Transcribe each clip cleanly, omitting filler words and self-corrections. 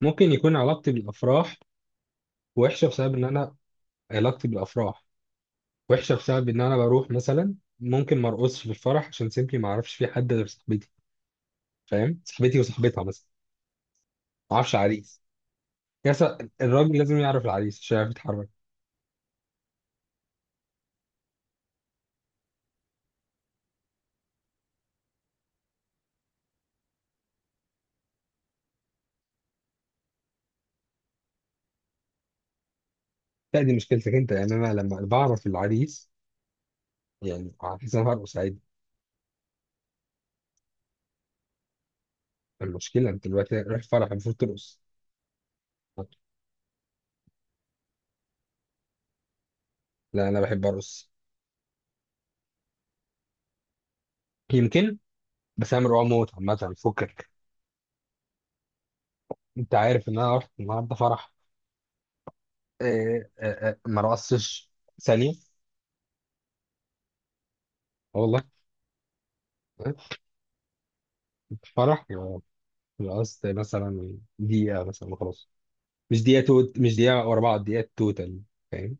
ممكن يكون علاقتي بالافراح وحشه بسبب ان انا، علاقتي بالافراح وحشه بسبب ان انا بروح مثلا، ممكن ما ارقصش في الفرح عشان سيمبلي ما اعرفش في حد غير صاحبتي، فاهم؟ صاحبتي وصاحبتها مثلا، ما اعرفش عريس. الراجل لازم يعرف العريس عشان يعرف يتحرك. لا، دي مشكلتك انت، يعني انا لما بعرف العريس يعني هحس ان انا هرقص عادي. المشكله انت دلوقتي رحت فرح، المفروض ترقص. لا، انا بحب ارقص. يمكن. بس انا مرعوب موت، عامه فكك. انت عارف ان انا رحت النهارده فرح؟ إيه، إيه، إيه، ما رقصتش ثانية. والله. فرح يعني. رقصت مثلا دقيقة مثلا وخلاص. مش دقيقة توت، مش دقيقة ورا بعض، دقيقة توتال. فاهم.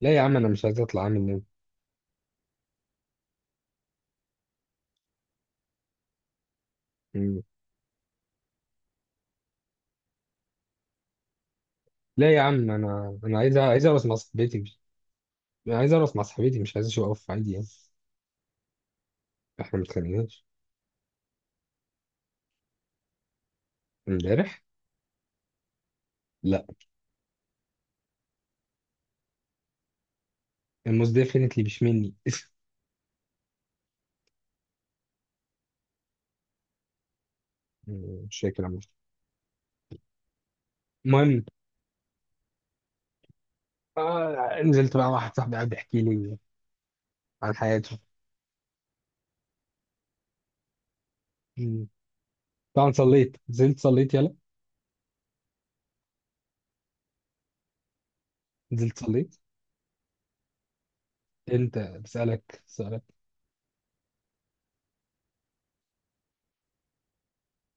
لا يا عم، أنا مش عايز أطلع أعمل نوم. مم. لا يا عم، أنا عايز أرقص مع صاحبتي، مش... أنا عايز أرقص مع صاحبتي، مش عايز أشوف أقف عادي يعني. إحنا ما اتخانقناش امبارح. لا. الموز ديفينتلي مش مني مش فاكر عمري. المهم. نزلت بقى، واحد صاحبي قاعد يحكي لي عن حياته. مم. طبعا صليت، نزلت صليت، يلا. نزلت صليت. انت بسألك سؤالك.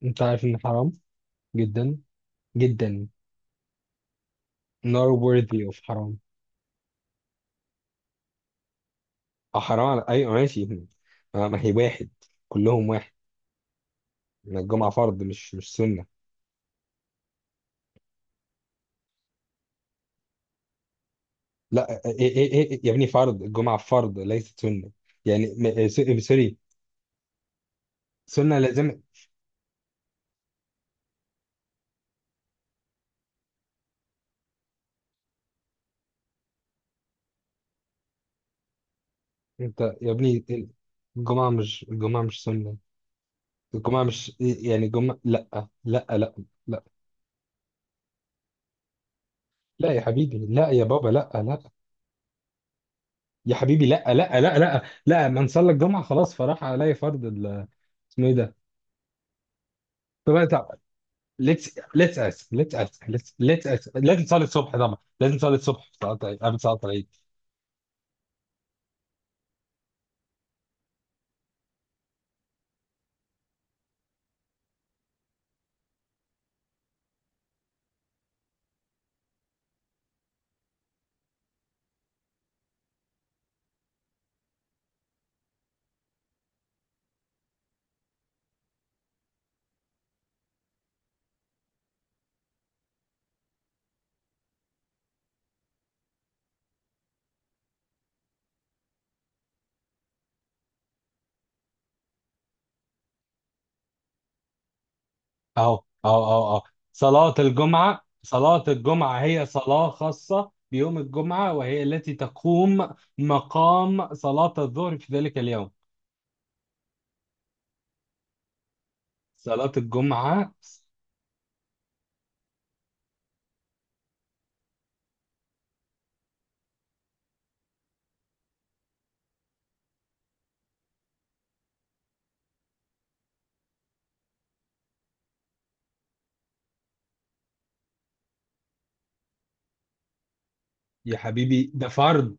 انت عارف ان حرام جدا جدا. not worthy of حرام. اه، حرام ايوه، ماشي. ما هي واحد، كلهم واحد. ما الجمعة فرض، مش سنة. لا، إيه إيه إيه إيه، يا ابني، فرض الجمعة فرض ليست سنة. يعني م- إيه، س- إيه، سوري. سنة لازم. انت يا ابني، الجمعة مش سنة. الجمعة مش إيه، يعني الجمعة لا. لا لا لا لا يا حبيبي لا، يا بابا لا لا. يا حبيبي، لا لا لا لا لا، من صلى الجمعه خلاص فراح عليه فرض اسمه ايه ده؟ طب طب. ليتس ليتس اس ليتس اس ليتس ليتس اس لازم تصلي الصبح، طبعا لازم تصلي الصبح في قبل صلاه العيد. اهو اهو اهو اهو. صلاه الجمعه هي صلاه خاصه بيوم الجمعه، وهي التي تقوم مقام صلاه الظهر في ذلك اليوم. صلاه الجمعه. يا حبيبي ده فرض.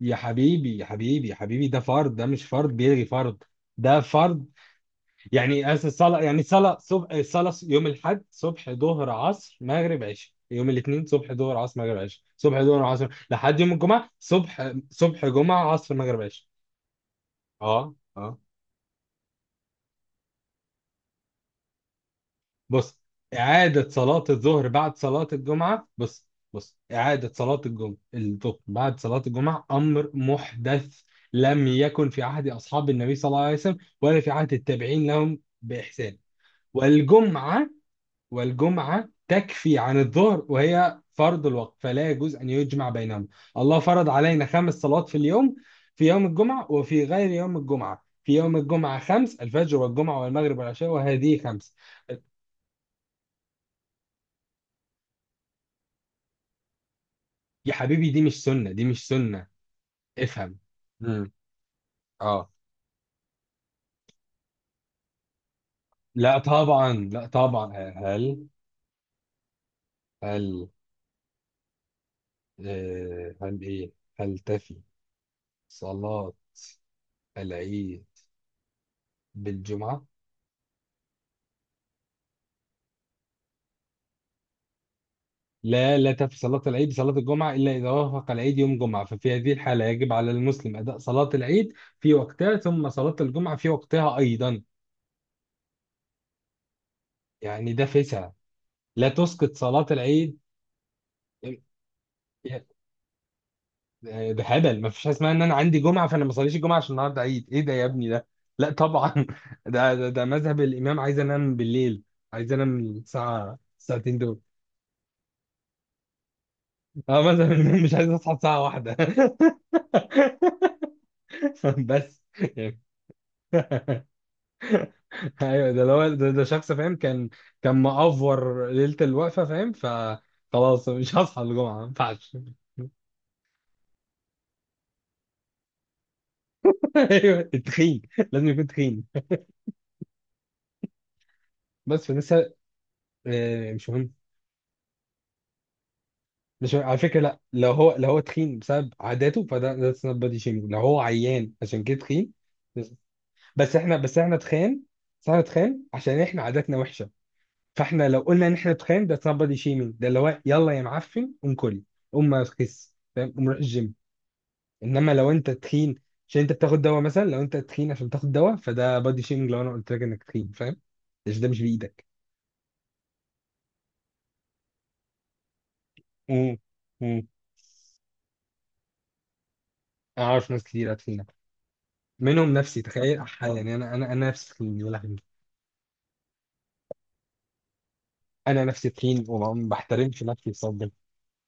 يا حبيبي يا حبيبي يا حبيبي، ده فرض، ده مش فرض بيلغي فرض، ده فرض. الصلاة صبح، الصلاة يوم الأحد صبح ظهر عصر مغرب عشاء، يوم الاثنين صبح ظهر عصر مغرب عشاء، صبح ظهر عصر لحد يوم الجمعة، صبح، صبح جمعة عصر مغرب عشاء. اه اه. بص، إعادة صلاة الظهر بعد صلاة الجمعة. بص بص، إعادة صلاة الجمعة، الظهر بعد صلاة الجمعة أمر محدث، لم يكن في عهد أصحاب النبي صلى الله عليه وسلم، ولا في عهد التابعين لهم بإحسان. والجمعة والجمعة تكفي عن الظهر، وهي فرض الوقت، فلا يجوز أن يجمع بينهم. الله فرض علينا 5 صلوات في اليوم، في يوم الجمعة وفي غير يوم الجمعة. في يوم الجمعة 5: الفجر والجمعة والمغرب والعشاء، وهذه 5. يا حبيبي دي مش سنة، دي مش سنة. افهم. امم اه. لا طبعا، لا طبعا. هل هل آه، هل ايه هل تفي صلاة العيد بالجمعة؟ لا، لا تفي صلاة العيد بصلاة الجمعة إلا إذا وافق العيد يوم جمعة، ففي هذه الحالة يجب على المسلم أداء صلاة العيد في وقتها، ثم صلاة الجمعة في وقتها أيضا. يعني ده فسع، لا تسقط صلاة العيد. ده ده هبل، ما فيش حاجه اسمها ان انا عندي جمعه فانا ما اصليش الجمعه عشان النهارده عيد. ايه ده يا ابني ده؟ لا طبعا ده مذهب الامام عايز انام بالليل، عايز انام الساعه الساعتين دول. اه، مذهب الامام مش عايز اصحى الساعه واحدة. بس يعني. ايوه، ده اللي هو ده, ده شخص فاهم، كان كان مأفور ليله الوقفه، فاهم، فخلاص مش هصحى الجمعه، ما ينفعش. ايوه تخين، لازم يكون تخين. بس فلسه. مش مهم. مش على فكرة، لا، لو هو تخين بسبب عاداته فده ذاتس نوت بادي شيمينج، لو هو عيان عشان كده تخين. بس بس احنا بس احنا تخان بس احنا تخان عشان احنا عاداتنا وحشة. فاحنا لو قلنا ان احنا تخان ده نوت بادي شيمينج، ده اللي هو يلا يا معفن قوم كل، قوم ما تخس، فاهم، قوم روح الجيم. انما لو انت تخين عشان انت بتاخد دواء، مثلا لو انت تخين عشان بتاخد دواء، فده بادي شيمينج لو انا قلت لك انك تخين، فاهم، عشان ده مش بايدك. امم امم. انا عارف ناس كتير تخينة، منهم نفسي. تخيل انا نفسي تخين يا لهوي. انا نفسي تخين وما بحترمش نفسي بسبب ده.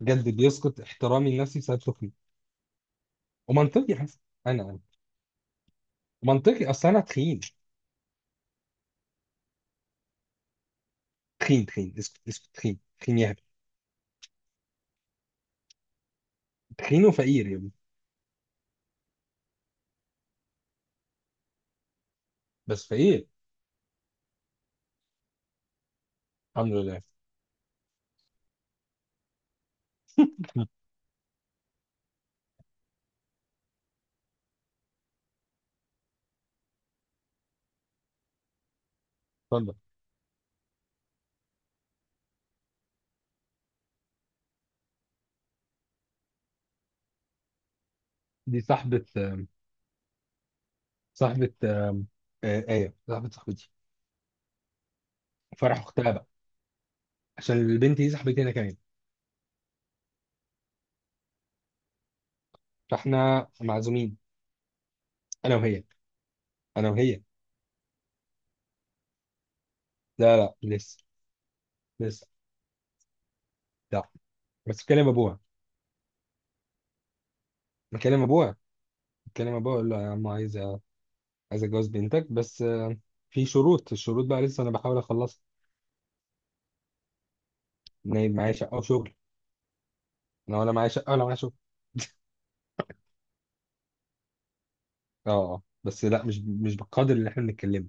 بجد بيسقط احترامي لنفسي بسبب سخني. ومنطقي حسن. انا منطقي، اصل انا تخين. تخين تخين، اسكت اسكت، تخين تخين يا هبل. تخين وفقير يا ابني. بس فقير. الحمد لله. اتفضل. دي صاحبة صاحبة آه، آية صاحبة صاحبتي، فرح أختها بقى. عشان البنت دي صاحبتي أنا كمان، فإحنا معزومين، أنا وهي أنا وهي لا لا، لسه. لسه. لا. بس بكلم أبوها بكلم أبوها أقول له يا عم عايز اتجوز بنتك، بس في شروط. الشروط بقى لسه انا بحاول اخلصها. ان هي معايا شقه وشغل، انا ولا معايا شقه ولا معايا شغل. اه اه، بس لا، مش بالقدر اللي احنا بنتكلمه.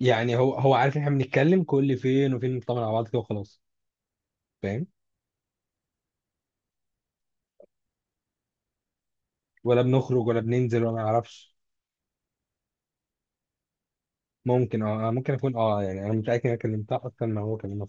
يعني هو عارف ان احنا بنتكلم كل فين وفين، نطمن على بعض كده وخلاص، فاهم، ولا بنخرج ولا بننزل ولا ما اعرفش. ممكن اكون يعني انا متاكد ان انا كلمتها اكتر ما هو كلمها.